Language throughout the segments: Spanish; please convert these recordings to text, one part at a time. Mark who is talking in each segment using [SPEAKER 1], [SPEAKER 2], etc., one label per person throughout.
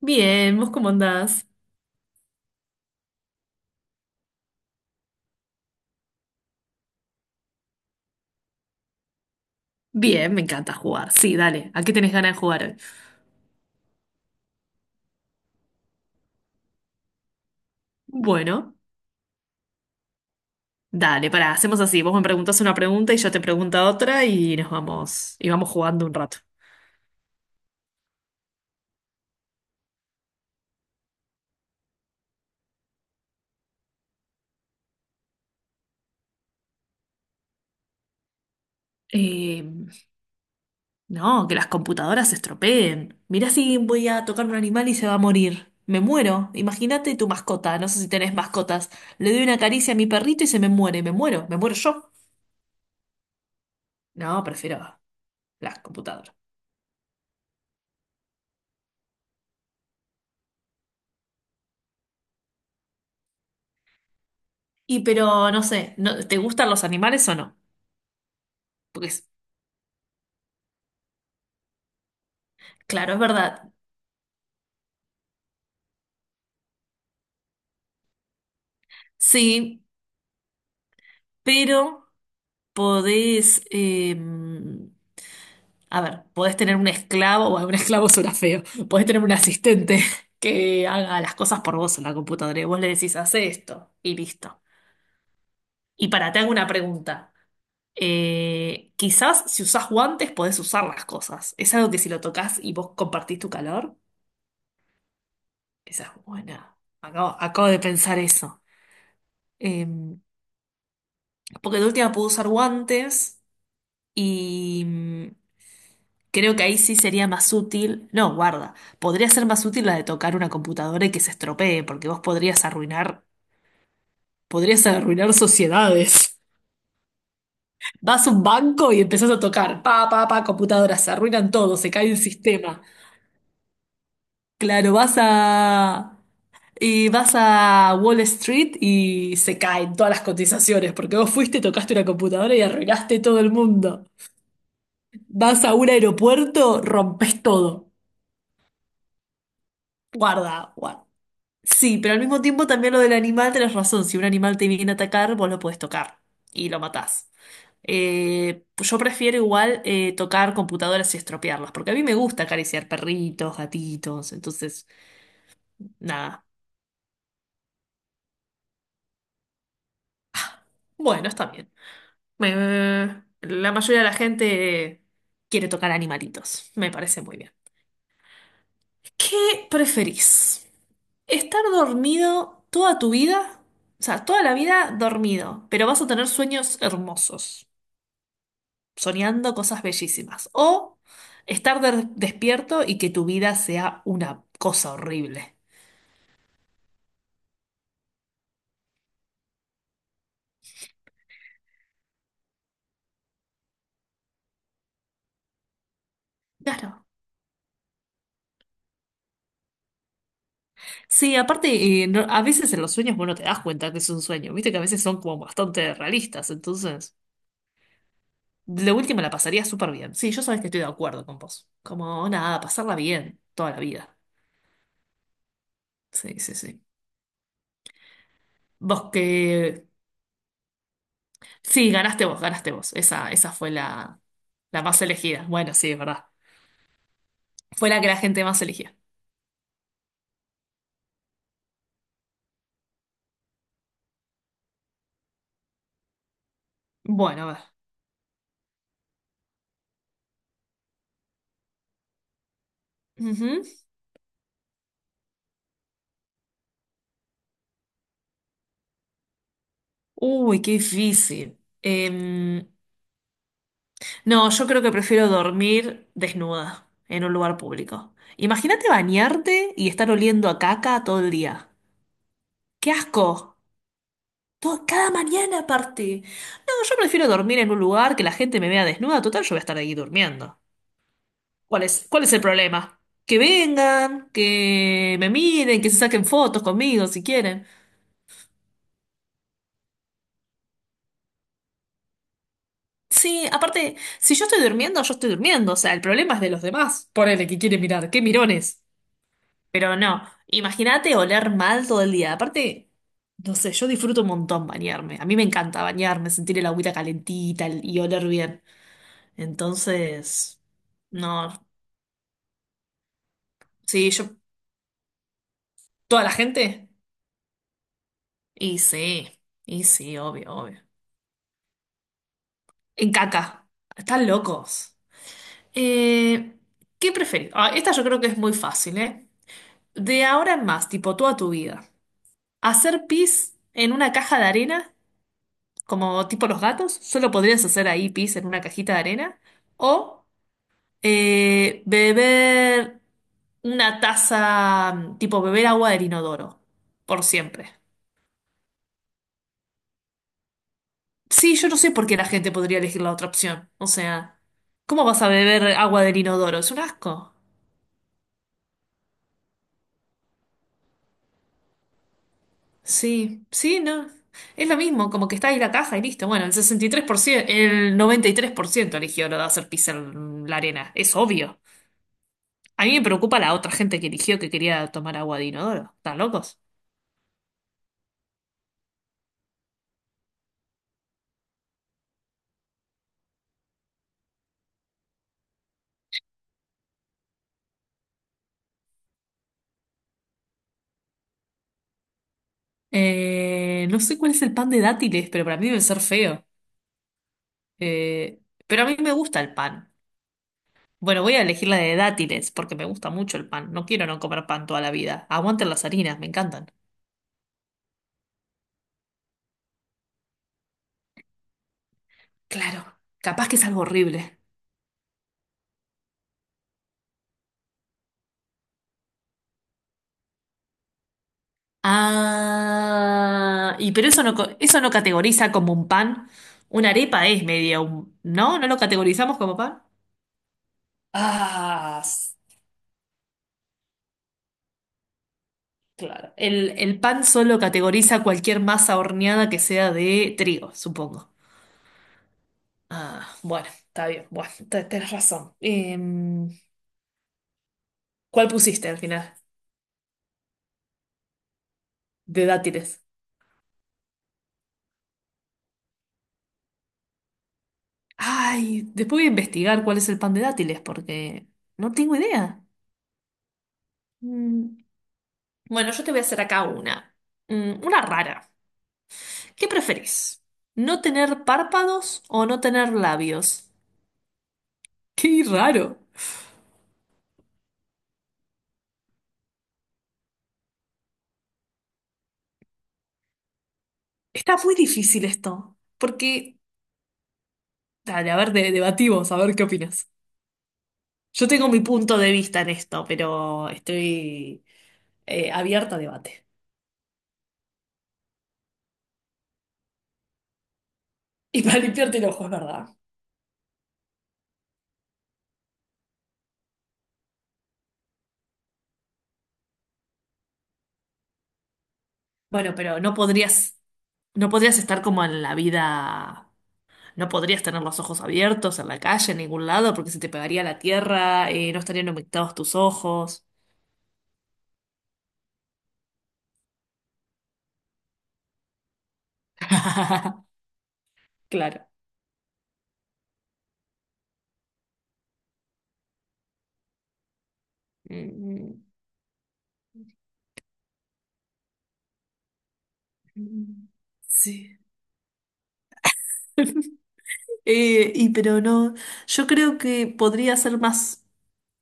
[SPEAKER 1] Bien, ¿vos cómo andás? Bien, me encanta jugar. Sí, dale. ¿A qué tenés ganas de jugar hoy? Bueno, dale, pará, hacemos así. Vos me preguntás una pregunta y yo te pregunto otra y nos vamos, y vamos jugando un rato. Eh, no, que las computadoras se estropeen. Mirá si voy a tocar un animal y se va a morir. Me muero. Imagínate tu mascota. No sé si tenés mascotas. Le doy una caricia a mi perrito y se me muere. Me muero. Me muero yo. No, prefiero las computadoras. Y pero, no sé, ¿te gustan los animales o no? Porque s- Claro, es verdad. Sí, pero podés, a ver, podés tener un esclavo, bueno, un esclavo suena feo, podés tener un asistente que haga las cosas por vos en la computadora y vos le decís, hace esto y listo. Y para, te hago una pregunta. Quizás si usás guantes podés usar las cosas. ¿Es algo que si lo tocas y vos compartís tu calor? Esa es buena. Acabo de pensar eso. Em, porque de última puedo usar guantes. Y creo que ahí sí sería más útil. No, guarda. Podría ser más útil la de tocar una computadora y que se estropee, porque vos podrías arruinar sociedades. Vas a un banco y empezás a tocar. Pa, pa, pa, computadoras, se arruinan todo, se cae el sistema. Claro, vas a. Y vas a Wall Street y se caen todas las cotizaciones, porque vos fuiste, tocaste una computadora y arruinaste todo el mundo. Vas a un aeropuerto, rompes todo. Guarda, guarda. Sí, pero al mismo tiempo también lo del animal, tenés razón. Si un animal te viene a atacar, vos lo podés tocar y lo matás. Pues yo prefiero igual tocar computadoras y estropearlas, porque a mí me gusta acariciar perritos, gatitos, entonces, nada. Bueno, está bien. La mayoría de la gente quiere tocar animalitos, me parece muy bien. ¿Qué preferís? ¿Estar dormido toda tu vida? O sea, toda la vida dormido, pero vas a tener sueños hermosos, soñando cosas bellísimas. O estar despierto y que tu vida sea una cosa horrible. Claro. Sí, aparte, a veces en los sueños vos no te das cuenta que es un sueño. Viste que a veces son como bastante realistas. Entonces, lo último la pasaría súper bien. Sí, yo sabes que estoy de acuerdo con vos. Como nada, pasarla bien toda la vida. Sí, sí, sí. Vos que... Sí, ganaste vos, ganaste vos. Esa fue la más elegida. Bueno, sí, es verdad. Fue la que la gente más elegía. Bueno, a ver. Ujú. Uy, qué difícil. No, yo creo que prefiero dormir desnuda en un lugar público. Imagínate bañarte y estar oliendo a caca todo el día. ¡Qué asco! Todo, cada mañana aparte. No, yo prefiero dormir en un lugar que la gente me vea desnuda. Total, yo voy a estar ahí durmiendo. ¿Cuál es el problema? Que vengan, que me miren, que se saquen fotos conmigo si quieren. Sí, aparte, si yo estoy durmiendo, yo estoy durmiendo. O sea, el problema es de los demás. Ponele que quiere mirar. ¡Qué mirones! Pero no, imagínate oler mal todo el día. Aparte, no sé, yo disfruto un montón bañarme. A mí me encanta bañarme, sentir el agüita calentita y oler bien. Entonces, no, sí, yo, toda la gente. Y sí, y sí, obvio, obvio. En caca, están locos. Eh, ¿qué preferís? Ah, esta yo creo que es muy fácil, ¿eh? De ahora en más, tipo toda tu vida. ¿Hacer pis en una caja de arena, como tipo los gatos? Solo podrías hacer ahí pis en una cajita de arena o beber una taza, tipo beber agua del inodoro, por siempre. Sí, yo no sé por qué la gente podría elegir la otra opción. O sea, ¿cómo vas a beber agua del inodoro? Es un asco. Sí, sí, no. Es lo mismo, como que está ahí la caja y listo. Bueno, el 63%, el 93% eligió lo de hacer pis en la arena. Es obvio. A mí me preocupa la otra gente que eligió que quería tomar agua de inodoro. ¿Están locos? No sé cuál es el pan de dátiles, pero para mí debe ser feo. Eh, pero a mí me gusta el pan. Bueno, voy a elegir la de dátiles porque me gusta mucho el pan. No quiero no comer pan toda la vida. Aguanten las harinas, me encantan. Claro, capaz que es algo horrible. Ah, y pero eso no, eso no categoriza como un pan. Una arepa es media un... ¿No? ¿No lo categorizamos como pan? Ah. Claro. El pan solo categoriza cualquier masa horneada que sea de trigo, supongo. Ah, bueno, está bien. Bueno, tenés razón. ¿Cuál pusiste al final? De dátiles. Ay, después voy a investigar cuál es el pan de dátiles porque no tengo idea. Mm, Bueno, yo te voy a hacer acá una. Una rara. ¿Qué preferís? ¿No tener párpados o no tener labios? Qué raro. Está muy difícil esto, porque... Dale, a ver, debatimos, a ver qué opinas. Yo tengo mi punto de vista en esto, pero estoy abierta a debate. Y para limpiarte el ojo, es verdad. Bueno, pero no podrías, estar como en la vida, no podrías tener los ojos abiertos en la calle, en ningún lado, porque se te pegaría la tierra, no estarían humectados tus ojos. Claro. Mm, sí. Y pero no, yo creo que podría ser más.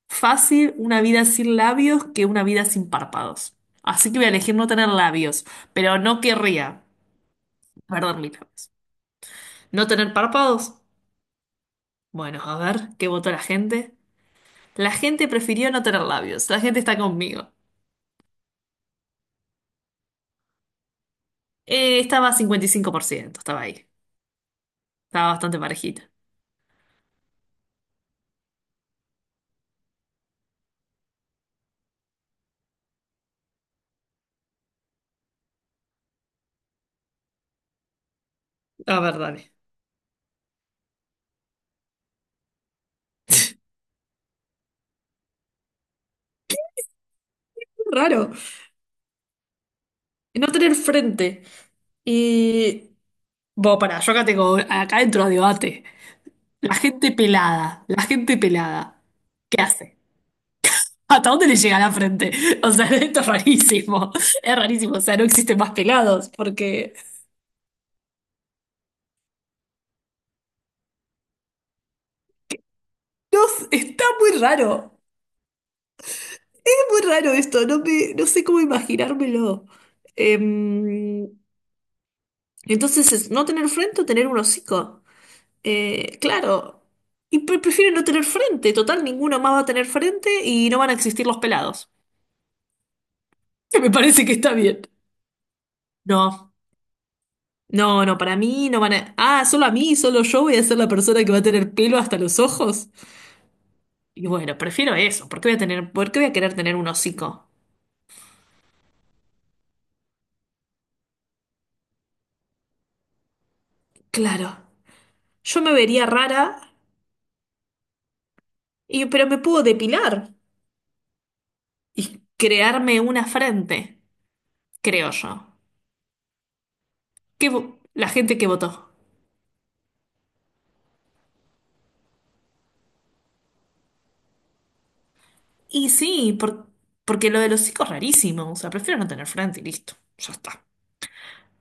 [SPEAKER 1] Fácil una vida sin labios que una vida sin párpados. Así que voy a elegir no tener labios, pero no querría perder mis labios. ¿No tener párpados? Bueno, a ver, ¿qué votó la gente? La gente prefirió no tener labios. La gente está conmigo. Estaba 55%, estaba ahí. Estaba bastante parejita. A ver, dale. Raro. No tener frente. Y... Bueno, pará, yo acá tengo... Acá dentro a debate. La gente pelada. La gente pelada. ¿Qué hace? ¿Hasta dónde le llega la frente? O sea, esto es rarísimo. Es rarísimo. O sea, no existen más pelados porque... No, está muy raro. Es muy raro esto. No sé cómo imaginármelo. Em, entonces, es no tener frente o tener un hocico. Claro. Y prefiero no tener frente. Total, ninguno más va a tener frente y no van a existir los pelados. Que me parece que está bien. No. No, no, para mí no van a... Ah, solo a mí, solo yo voy a ser la persona que va a tener pelo hasta los ojos. Y bueno, prefiero eso. ¿Por qué voy a tener, por qué voy a querer tener un hocico? Claro, yo me vería rara, pero me puedo depilar y crearme una frente, creo yo. ¿Qué La gente que votó? Y sí, porque lo del hocico es rarísimo. O sea, prefiero no tener frente y listo. Ya está.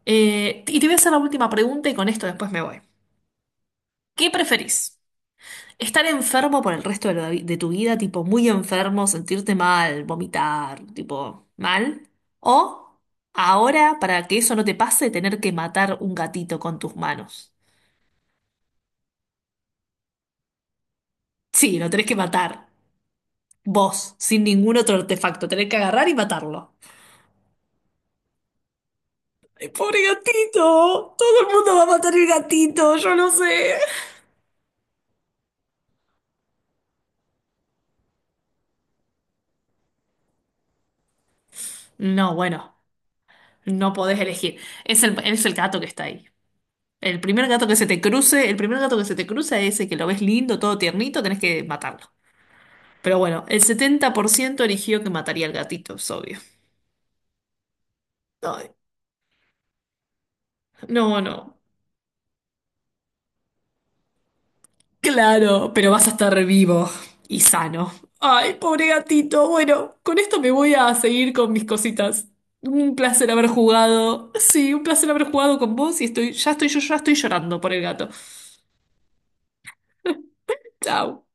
[SPEAKER 1] Y te voy a hacer la última pregunta y con esto después me voy. ¿Qué preferís? Estar enfermo por el resto de, de tu vida, tipo muy enfermo, sentirte mal, vomitar, tipo mal. O ahora, para que eso no te pase, tener que matar un gatito con tus manos. Sí, lo tenés que matar. Vos, sin ningún otro artefacto. Tenés que agarrar y matarlo. ¡Ay, pobre gatito! Todo el mundo va a matar el gatito, yo no sé. No, bueno, no podés elegir. Es el gato que está ahí. El primer gato que se te cruce, el primer gato que se te cruza es ese que lo ves lindo, todo tiernito, tenés que matarlo. Pero bueno, el 70% eligió que mataría al gatito, es obvio. Ay, no, no. Claro, pero vas a estar vivo y sano. Ay, pobre gatito. Bueno, con esto me voy a seguir con mis cositas. Un placer haber jugado. Sí, un placer haber jugado con vos y estoy, ya estoy, yo ya estoy llorando por el gato. Chao.